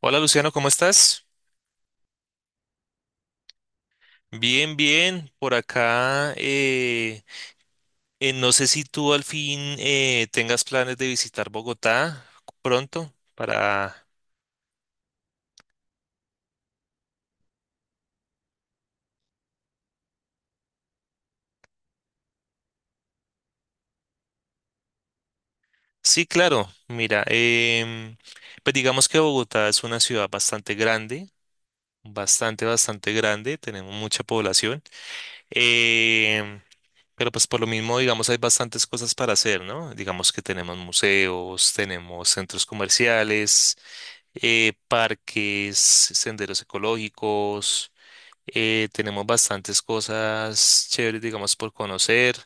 Hola Luciano, ¿cómo estás? Bien, bien, por acá. No sé si tú al fin tengas planes de visitar Bogotá pronto para. Sí, claro, mira, pues digamos que Bogotá es una ciudad bastante grande, bastante, bastante grande, tenemos mucha población. em, pero pues por lo mismo, digamos, hay bastantes cosas para hacer, ¿no? Digamos que tenemos museos, tenemos centros comerciales, parques, senderos ecológicos, tenemos bastantes cosas chéveres, digamos, por conocer.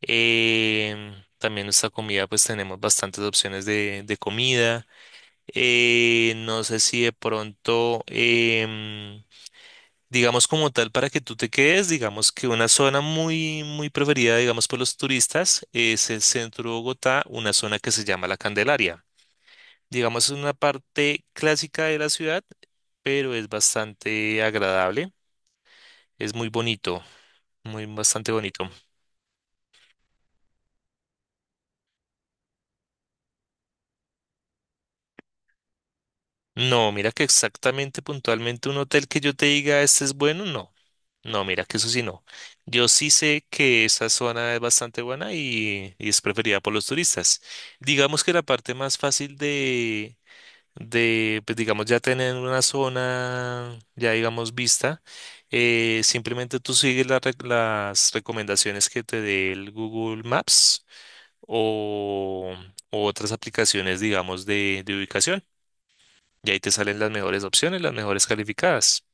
También nuestra comida, pues tenemos bastantes opciones de comida. No sé si de pronto, digamos como tal, para que tú te quedes, digamos que una zona muy, muy preferida, digamos, por los turistas es el centro de Bogotá, una zona que se llama La Candelaria, digamos, es una parte clásica de la ciudad, pero es bastante agradable. Es muy bonito, muy bastante bonito. No, mira que exactamente puntualmente un hotel que yo te diga este es bueno, no. No, mira que eso sí no. Yo sí sé que esa zona es bastante buena y es preferida por los turistas. Digamos que la parte más fácil pues digamos, ya tener una zona, ya digamos, vista, simplemente tú sigues la las recomendaciones que te dé el Google Maps o, o otras aplicaciones, digamos, de ubicación. Y ahí te salen las mejores opciones, las mejores calificadas.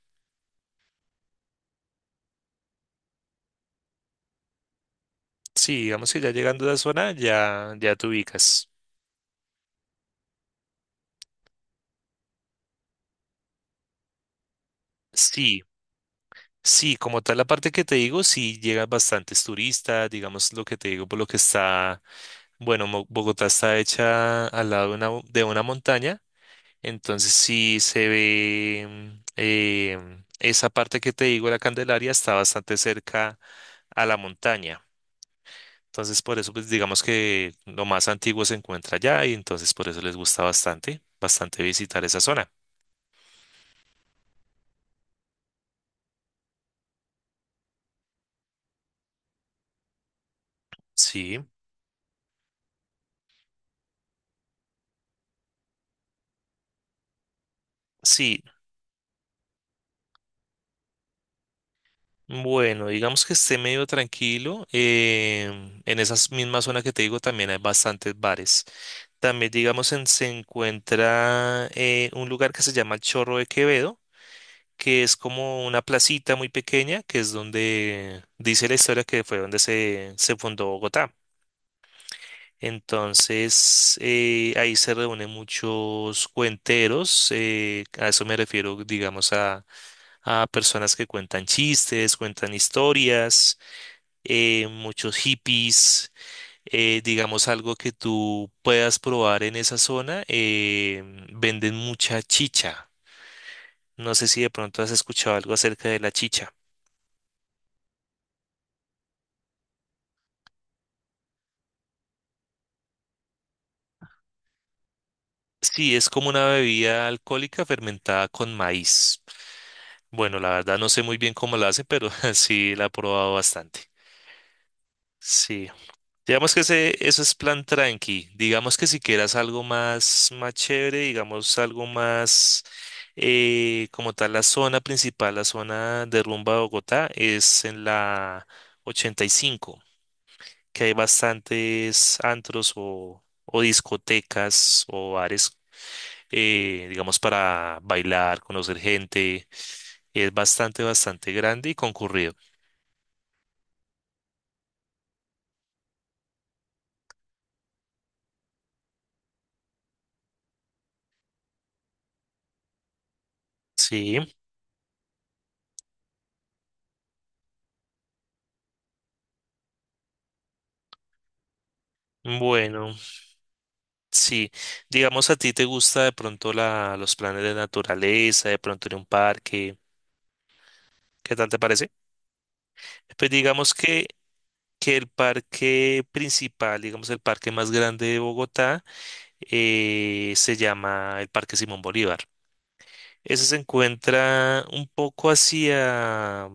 Sí, digamos que ya llegando a la zona, ya te ubicas. Sí. Sí, como tal la parte que te digo, sí llegan bastantes turistas, digamos lo que te digo, por lo que está. Bueno, Bogotá está hecha al lado de una montaña, entonces sí se ve, esa parte que te digo, la Candelaria, está bastante cerca a la montaña. Entonces por eso pues digamos que lo más antiguo se encuentra allá y entonces por eso les gusta bastante, bastante visitar esa zona. Sí, sí. Bueno, digamos que esté medio tranquilo. En esa misma zona que te digo también hay bastantes bares. También, digamos, se encuentra, un lugar que se llama el Chorro de Quevedo, que es como una placita muy pequeña, que es donde dice la historia que fue donde se fundó Bogotá. Entonces, ahí se reúnen muchos cuenteros, a eso me refiero, digamos, a personas que cuentan chistes, cuentan historias, muchos hippies, digamos algo que tú puedas probar en esa zona, venden mucha chicha. No sé si de pronto has escuchado algo acerca de la chicha. Sí, es como una bebida alcohólica fermentada con maíz. Bueno, la verdad no sé muy bien cómo la hacen, pero sí la he probado bastante. Sí. Digamos que eso es plan tranqui. Digamos que si quieras algo más, más chévere, digamos algo más, como tal, la zona principal, la zona de rumba de Bogotá, es en la 85, que hay bastantes antros o discotecas o bares, digamos, para bailar, conocer gente. Es bastante, bastante grande y concurrido. Sí, bueno. Sí, digamos a ti te gusta de pronto los planes de naturaleza, de pronto ir a un parque, ¿qué tal te parece? Pues digamos que el parque principal, digamos el parque más grande de Bogotá, se llama el Parque Simón Bolívar. Ese se encuentra un poco hacia,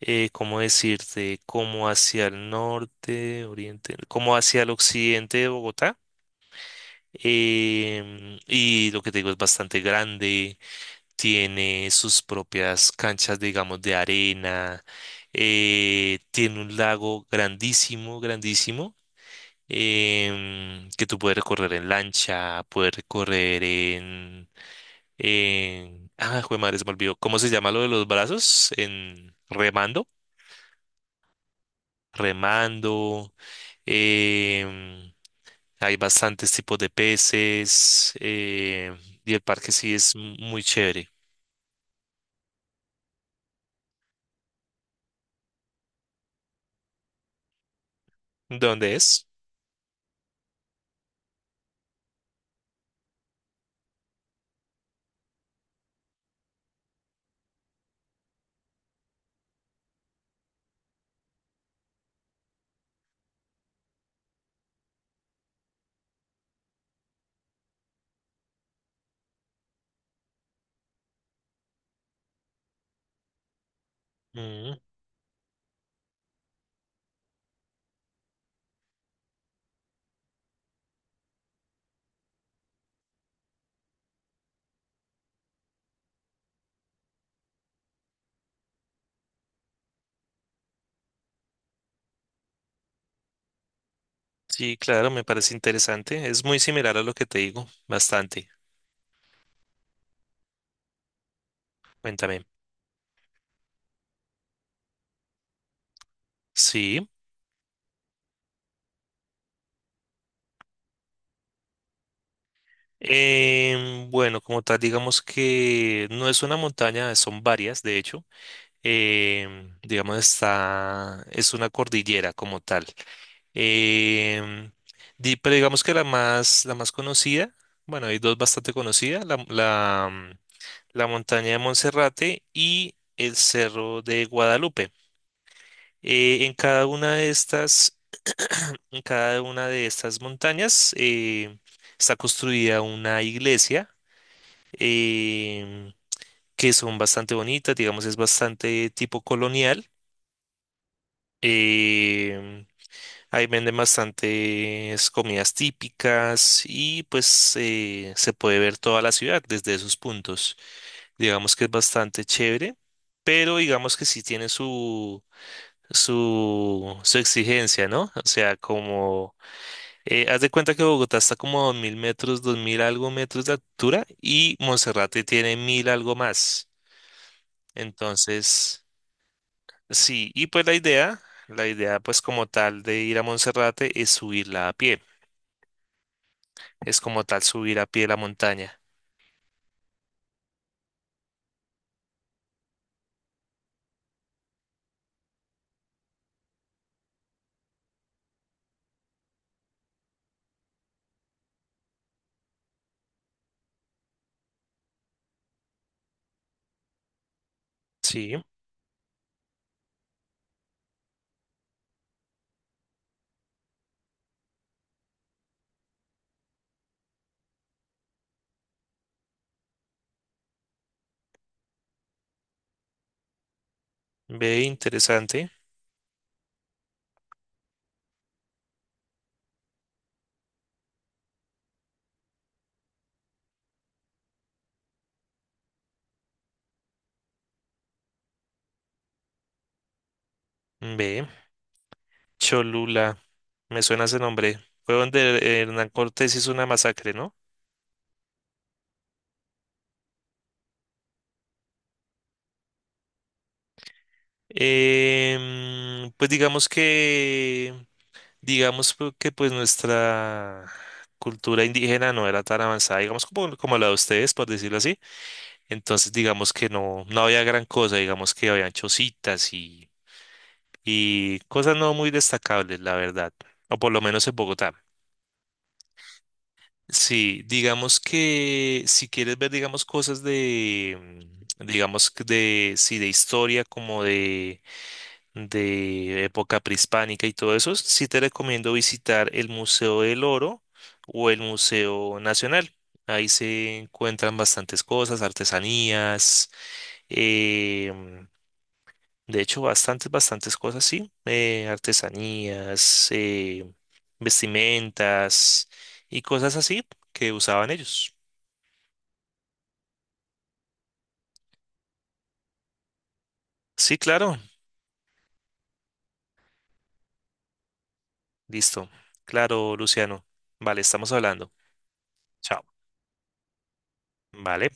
¿cómo decirte? Como hacia el norte, oriente, como hacia el occidente de Bogotá. Y lo que te digo es bastante grande, tiene sus propias canchas, digamos, de arena, tiene un lago grandísimo, grandísimo, que tú puedes recorrer en lancha, puedes recorrer en- Ah, jue madre, se me olvidó. ¿Cómo se llama lo de los brazos? En remando, remando. em, Hay bastantes tipos de peces, y el parque sí es muy chévere. ¿Dónde es? Sí, claro, me parece interesante. Es muy similar a lo que te digo, bastante. Cuéntame. Sí. Bueno, como tal, digamos que no es una montaña, son varias, de hecho. Digamos, es una cordillera como tal. Em, pero digamos que la más conocida, bueno, hay dos bastante conocidas, la montaña de Monserrate y el cerro de Guadalupe. En cada una de estas, en cada una de estas montañas, está construida una iglesia, em, que son bastante bonitas, digamos, es bastante tipo colonial. em, Ahí venden bastantes comidas típicas y pues, se puede ver toda la ciudad desde esos puntos. Digamos que es bastante chévere, pero digamos que sí tiene su exigencia, ¿no? O sea, como, haz de cuenta que Bogotá está como a 2000 metros, 2.000 algo metros de altura y Monserrate tiene 1.000 algo más. Entonces, sí, y pues la idea pues como tal de ir a Monserrate es subirla a pie, es como tal subir a pie la montaña. Sí, ve, interesante, ve, Cholula, me suena ese nombre. Fue donde Hernán Cortés hizo una masacre, ¿no? Pues digamos que, que pues nuestra cultura indígena no era tan avanzada, digamos como la de ustedes, por decirlo así. Entonces digamos que no, no había gran cosa, digamos que habían chocitas y cosas no muy destacables, la verdad, o por lo menos en Bogotá. Sí, digamos que si quieres ver, digamos, cosas de, digamos, que de, sí, de historia, como de época prehispánica y todo eso, sí te recomiendo visitar el Museo del Oro o el Museo Nacional. Ahí se encuentran bastantes cosas, artesanías, em, de hecho bastantes, bastantes cosas, sí, artesanías, vestimentas y cosas así que usaban ellos. Sí, claro, listo, claro, Luciano. Vale, estamos hablando. Chao. Vale.